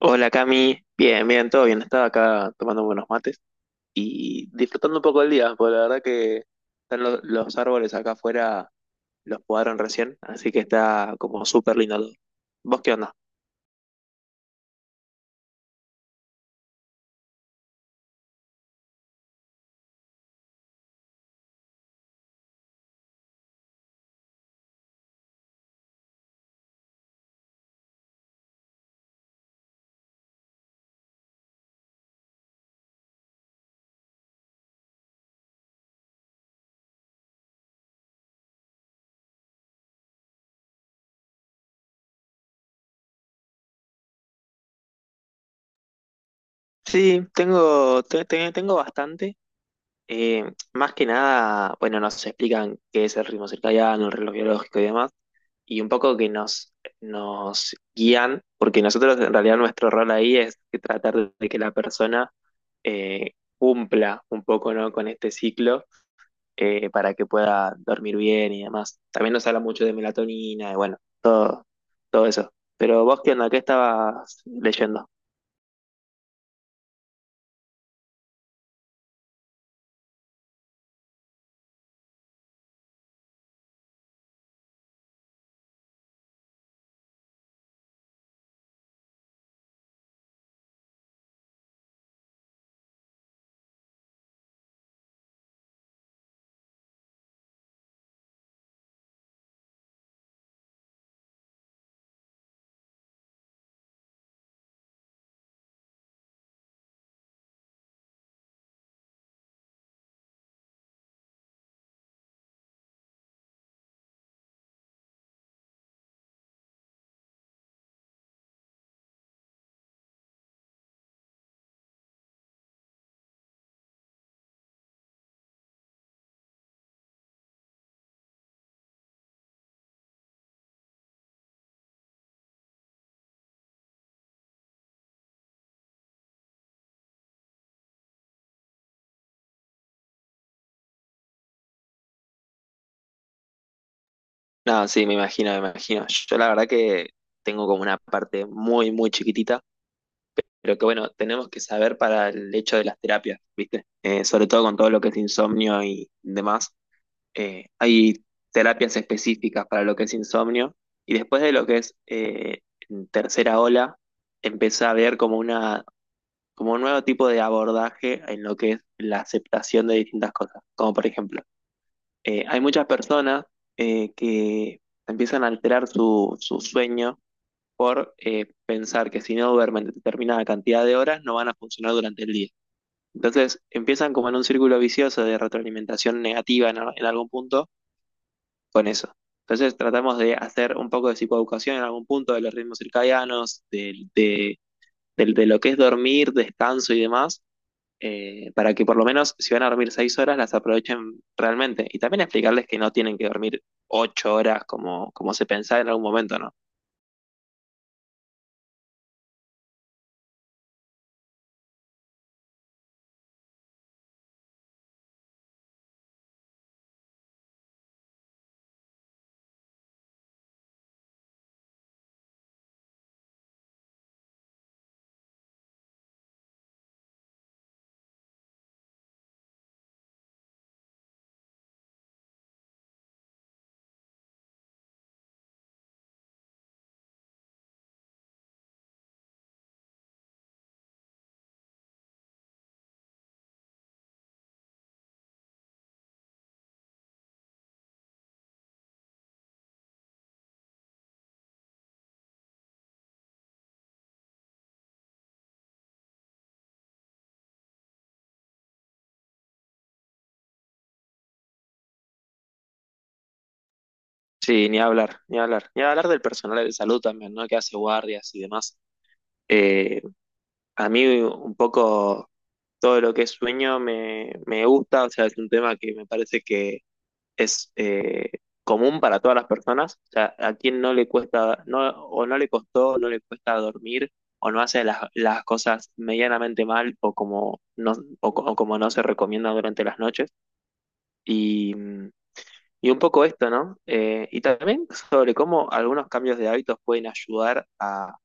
Hola Cami, bien, bien, todo bien. Estaba acá tomando buenos mates y disfrutando un poco el día, porque la verdad que están los árboles acá afuera, los podaron recién, así que está como súper lindo todo. ¿Vos qué onda? Sí, tengo, tengo bastante. Eh, Más que nada, bueno, nos explican qué es el ritmo circadiano, el reloj biológico y demás, y un poco que nos guían, porque nosotros en realidad nuestro rol ahí es que tratar de que la persona eh, cumpla un poco, ¿no?, con este ciclo, para que pueda dormir bien y demás. También nos habla mucho de melatonina y bueno, todo eso. Pero vos, ¿qué onda? ¿Qué estabas leyendo? No, sí, me imagino, me imagino. Yo la verdad que tengo como una parte muy, muy chiquitita, pero que bueno, tenemos que saber para el hecho de las terapias, ¿viste? Sobre todo con todo lo que es insomnio y demás. Hay terapias específicas para lo que es insomnio y después de lo que es tercera ola, empieza a haber como un nuevo tipo de abordaje en lo que es la aceptación de distintas cosas, como por ejemplo, hay muchas personas que empiezan a alterar su sueño por pensar que si no duermen determinada cantidad de horas no van a funcionar durante el día. Entonces empiezan como en un círculo vicioso de retroalimentación negativa en algún punto con eso. Entonces tratamos de hacer un poco de psicoeducación en algún punto de los ritmos circadianos, de lo que es dormir, descanso y demás, para que por lo menos si van a dormir 6 horas las aprovechen realmente. Y también explicarles que no tienen que dormir 8 horas como, como se pensaba en algún momento, ¿no? Sí, ni hablar, ni hablar. Ni hablar del personal de salud también, ¿no? Que hace guardias y demás. Eh, a mí un poco todo lo que es sueño me, me gusta, o sea, es un tema que me parece que es común para todas las personas. O sea, a quien no le cuesta, no, o no le costó, no le cuesta dormir, o no hace las cosas medianamente mal, o como no, o como no se recomienda durante las noches. Y. mm, y un poco esto, ¿no? Y también sobre cómo algunos cambios de hábitos pueden ayudar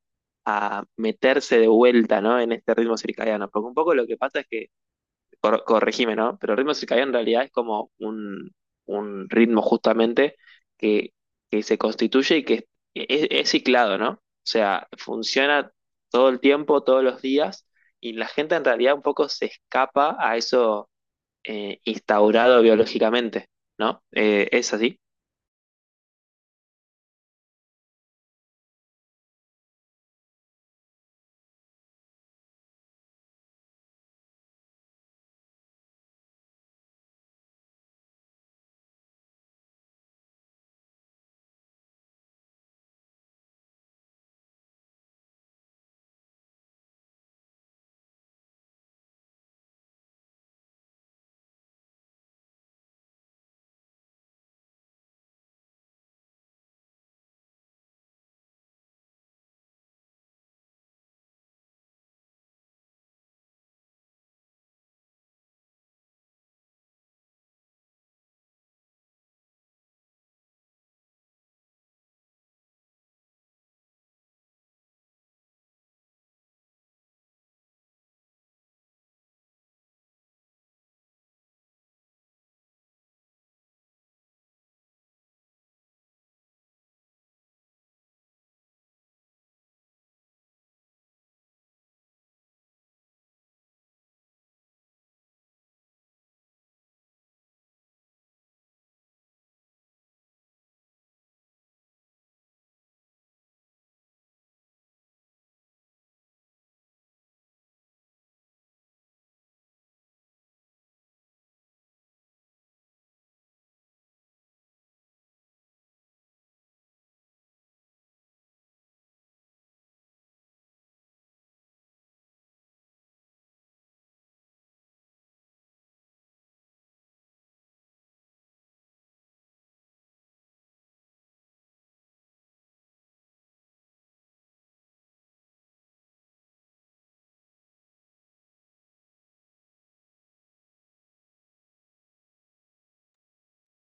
a meterse de vuelta, ¿no?, en este ritmo circadiano. Porque un poco lo que pasa es que, corregime, ¿no?, pero el ritmo circadiano en realidad es como un ritmo justamente que, que se constituye y que es ciclado, ¿no? O sea, funciona todo el tiempo, todos los días, y la gente en realidad un poco se escapa a eso instaurado biológicamente, ¿no? ¿Es así?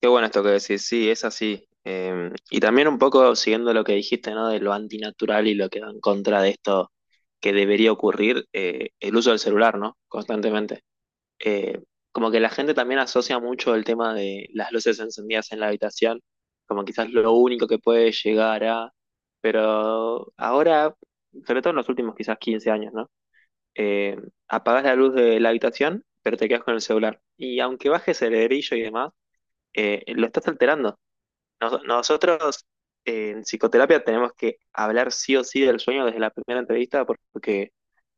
Qué bueno esto que decís, sí, es así. Y también un poco siguiendo lo que dijiste, ¿no? De lo antinatural y lo que va en contra de esto que debería ocurrir, el uso del celular, ¿no? Constantemente. Eh, Como que la gente también asocia mucho el tema de las luces encendidas en la habitación, como quizás lo único que puede llegar a... Pero ahora, sobre todo en los últimos quizás 15 años, ¿no? Eh, Apagás la luz de la habitación, pero te quedas con el celular. Y aunque bajes el brillo y demás, lo estás alterando. Nosotros, en psicoterapia tenemos que hablar sí o sí del sueño desde la primera entrevista, porque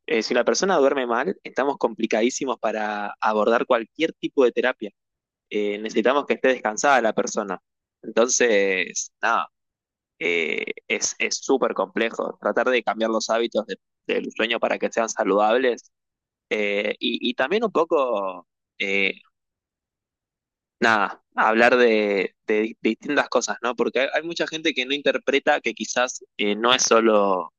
si la persona duerme mal, estamos complicadísimos para abordar cualquier tipo de terapia. Necesitamos que esté descansada la persona. Entonces, nada, es súper complejo tratar de cambiar los hábitos del sueño para que sean saludables, y también un poco... eh, nada, hablar de distintas cosas, ¿no? Porque hay mucha gente que no interpreta que quizás no es solo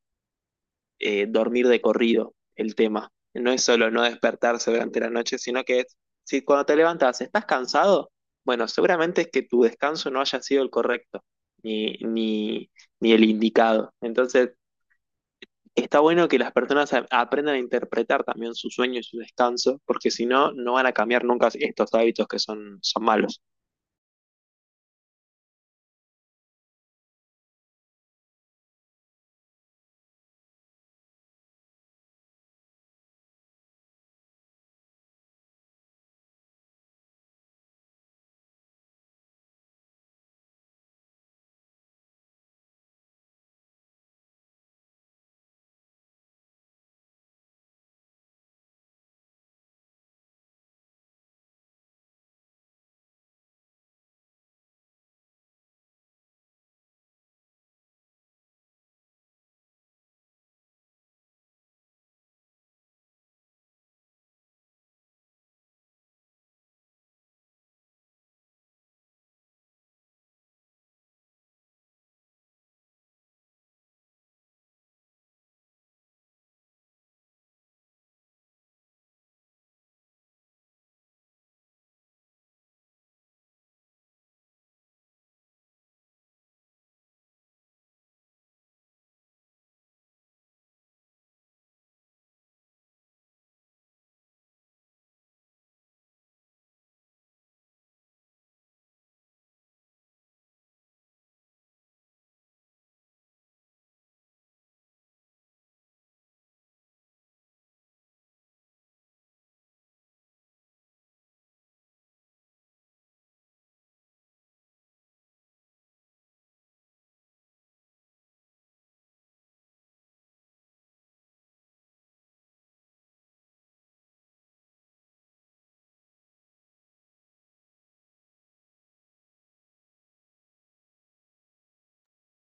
dormir de corrido el tema, no es solo no despertarse durante la noche, sino que es, si cuando te levantas estás cansado, bueno, seguramente es que tu descanso no haya sido el correcto, ni, ni, ni el indicado. Entonces, está bueno que las personas aprendan a interpretar también su sueño y su descanso, porque si no, no van a cambiar nunca estos hábitos que son, son malos.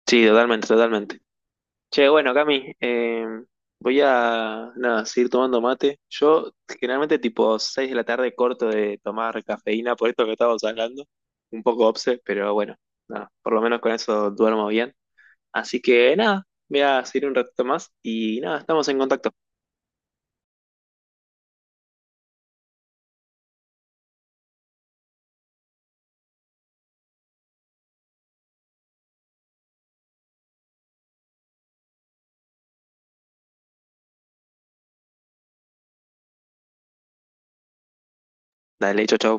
Sí, totalmente, totalmente. Che, bueno, Cami, voy a nada, seguir tomando mate. Yo generalmente tipo 6 de la tarde corto de tomar cafeína por esto que estábamos hablando. Un poco obse, pero bueno, nada, por lo menos con eso duermo bien. Así que nada, voy a seguir un ratito más y nada, estamos en contacto. Dale, chau, chau.